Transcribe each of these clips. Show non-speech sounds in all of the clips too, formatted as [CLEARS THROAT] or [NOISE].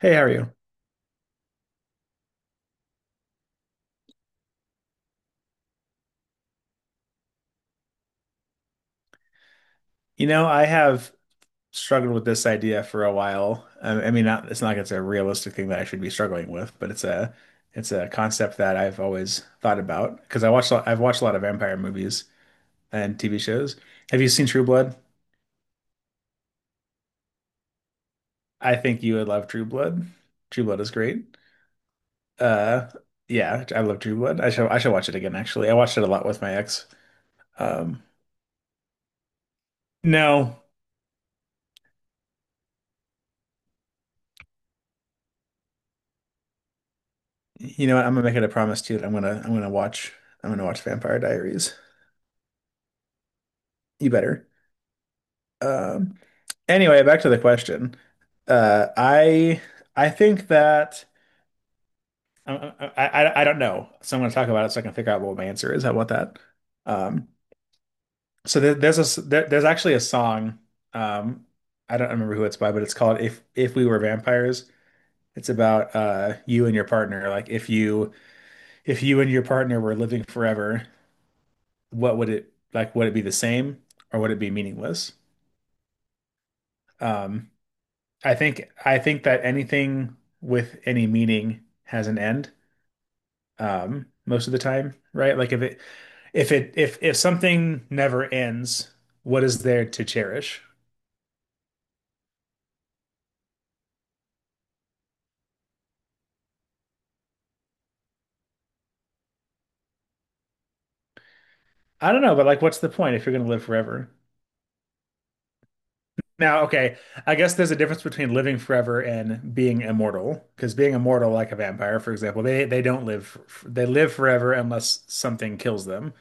Hey, how are you? You know, I have struggled with this idea for a while. I mean, not, it's not like it's a realistic thing that I should be struggling with, but it's a concept that I've always thought about because I've watched a lot of vampire movies and TV shows. Have you seen True Blood? I think you would love True Blood. True Blood is great. Uh, yeah, I love True Blood. I shall watch it again, actually. I watched it a lot with my ex. Um, no, you know what? I'm gonna make it a promise to you that I'm gonna watch Vampire Diaries. You better. Um, anyway, back to the question. Uh, I I think that I don't know. So I'm going to talk about it so I can figure out what my answer is. How about that? Um, so there's actually a song. Um, I don't remember who it's by, but it's called "If We Were Vampires." It's about you and your partner. Like if you and your partner were living forever, what would it like? Would it be the same or would it be meaningless? Um, I think that anything with any meaning has an end, most of the time, right? Like if it if it if something never ends, what is there to cherish? I don't know, but like what's the point if you're gonna live forever? Now, okay, I guess there's a difference between living forever and being immortal, because being immortal, like a vampire, for example, they live forever unless something kills them.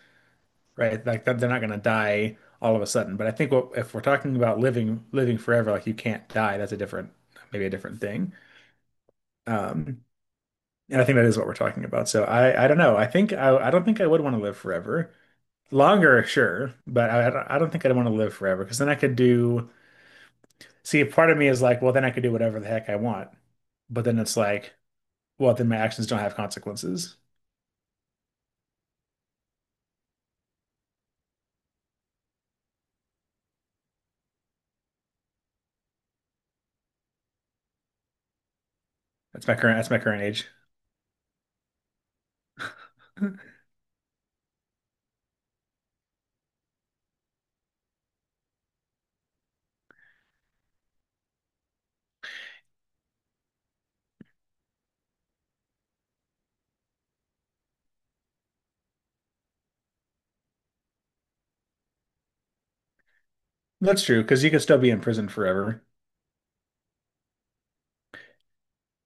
Right? Like that they're not going to die all of a sudden. But I think what, if we're talking about living forever, like you can't die, that's a different maybe a different thing. Um, and I think that is what we're talking about. So I don't know. I think I don't think I would want to live forever. Longer, sure, but I don't think I'd want to live forever because then I could do. See, part of me is like, well, then I could do whatever the heck I want. But then it's like, well, then my actions don't have consequences. That's my current age. [LAUGHS] That's true, because you could still be in prison forever.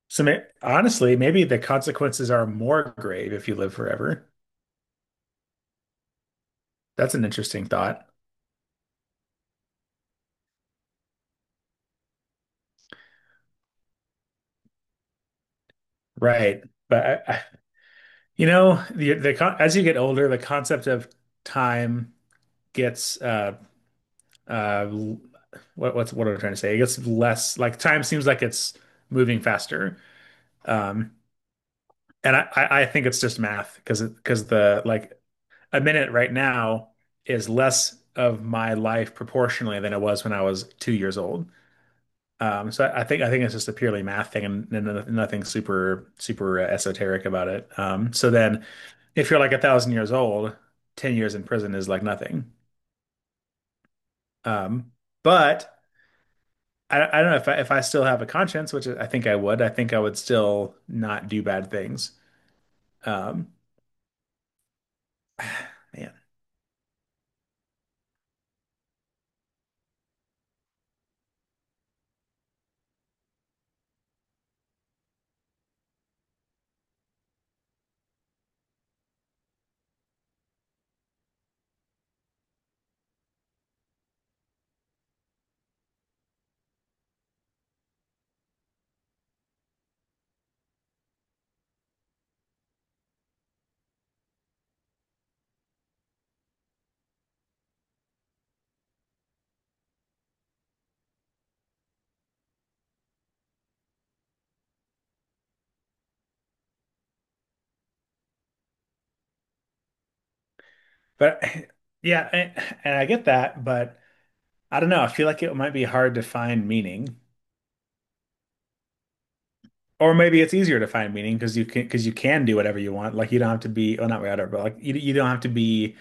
So may honestly, maybe the consequences are more grave if you live forever. That's an interesting thought, right? But you know, the con as you get older, the concept of time gets uh l- what am I trying to say? It gets less, like time seems like it's moving faster. Um, and I think it's just math because the like a minute right now is less of my life proportionally than it was when I was 2 years old. So I think it's just a purely math thing, and no- nothing super esoteric about it. So then if you're like 1,000 years old, 10 years in prison is like nothing. Um, but I don't know if if I still have a conscience, which I think I would. I think I would still not do bad things. Um, Man, but [LAUGHS] yeah, and I get that, but I don't know. I feel like it might be hard to find meaning. Or maybe it's easier to find meaning because you can do whatever you want. Like you don't have to be, well, not whatever, but like you don't have to be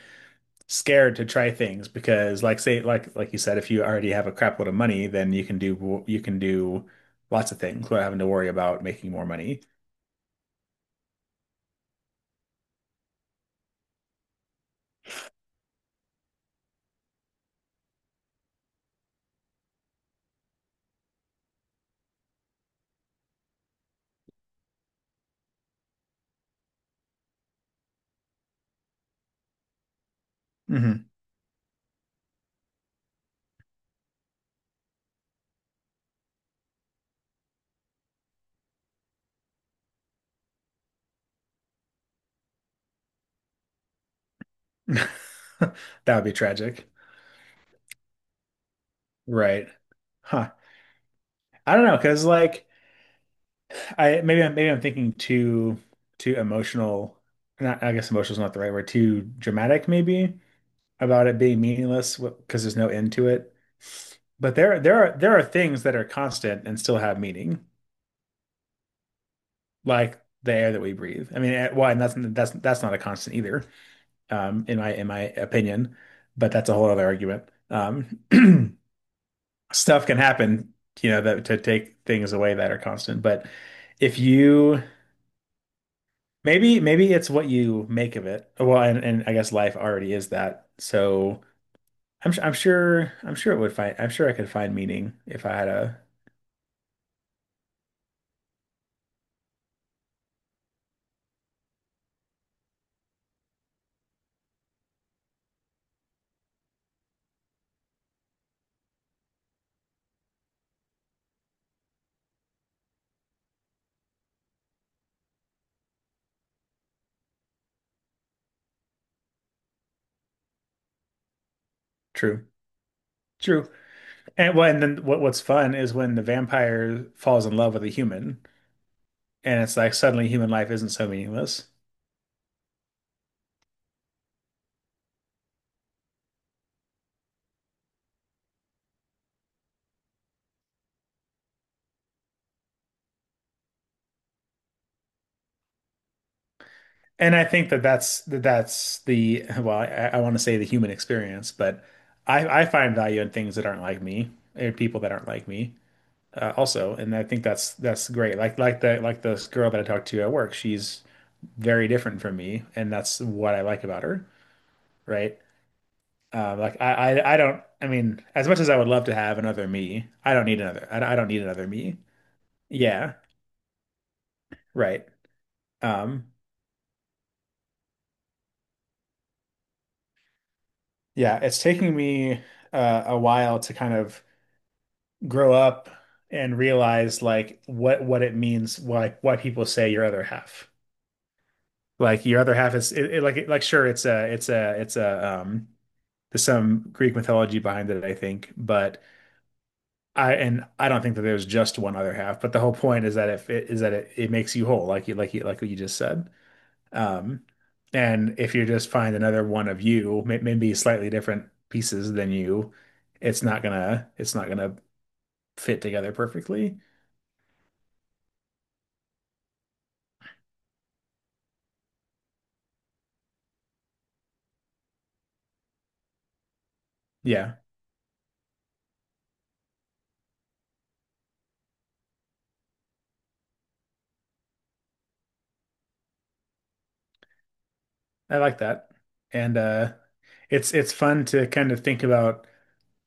scared to try things because like say, like you said, if you already have a crapload of money, then you can do lots of things without having to worry about making more money. Hmm. [LAUGHS] That would be tragic, right? Huh. I don't know because, like, maybe I'm thinking too emotional. Not, I guess emotional is not the right word. Too dramatic maybe. About it being meaningless because there's no end to it. But there are things that are constant and still have meaning, like the air that we breathe. I mean, well, and that's not a constant either, in my opinion. But that's a whole other argument. Um, [CLEARS THROAT] stuff can happen, you know, that to take things away that are constant. But if you, maybe it's what you make of it. Well, and I guess life already is that. So I'm su- I'm sure it would find I'm sure I could find meaning if I had a. True, true. And, well, and then what what's fun is when the vampire falls in love with a human and it's like suddenly human life isn't so meaningless. And I think that that's the, well, I want to say the human experience, but I find value in things that aren't like me and people that aren't like me, also. And I think that's great, like the, this girl that I talked to at work, she's very different from me and that's what I like about her, right? Like I don't. I mean, as much as I would love to have another me, I don't need another. I don't need another me. Yeah, right. Um, yeah, it's taking me a while to kind of grow up and realize like what it means. Why people say your other half. Like your other half is, like, sure, it's a it's a it's a there's some Greek mythology behind it I think, but I and I don't think that there's just one other half, but the whole point is that if it is that it makes you whole, like you like you like what you just said. Um, and if you just find another one of you, maybe slightly different pieces than you, it's not gonna fit together perfectly. Yeah, I like that. And it's fun to kind of think about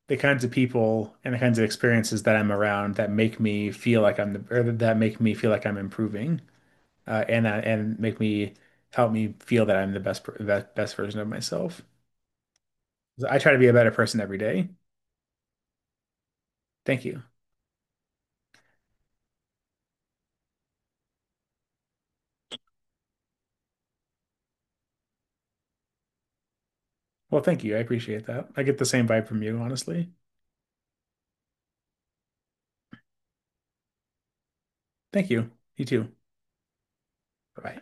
the kinds of people and the kinds of experiences that I'm around that make me feel like I'm the or that make me feel like I'm improving. And that, and make me help me feel that I'm the the best version of myself. I try to be a better person every day. Thank you. Well, thank you. I appreciate that. I get the same vibe from you, honestly. Thank you. You too. Bye-bye.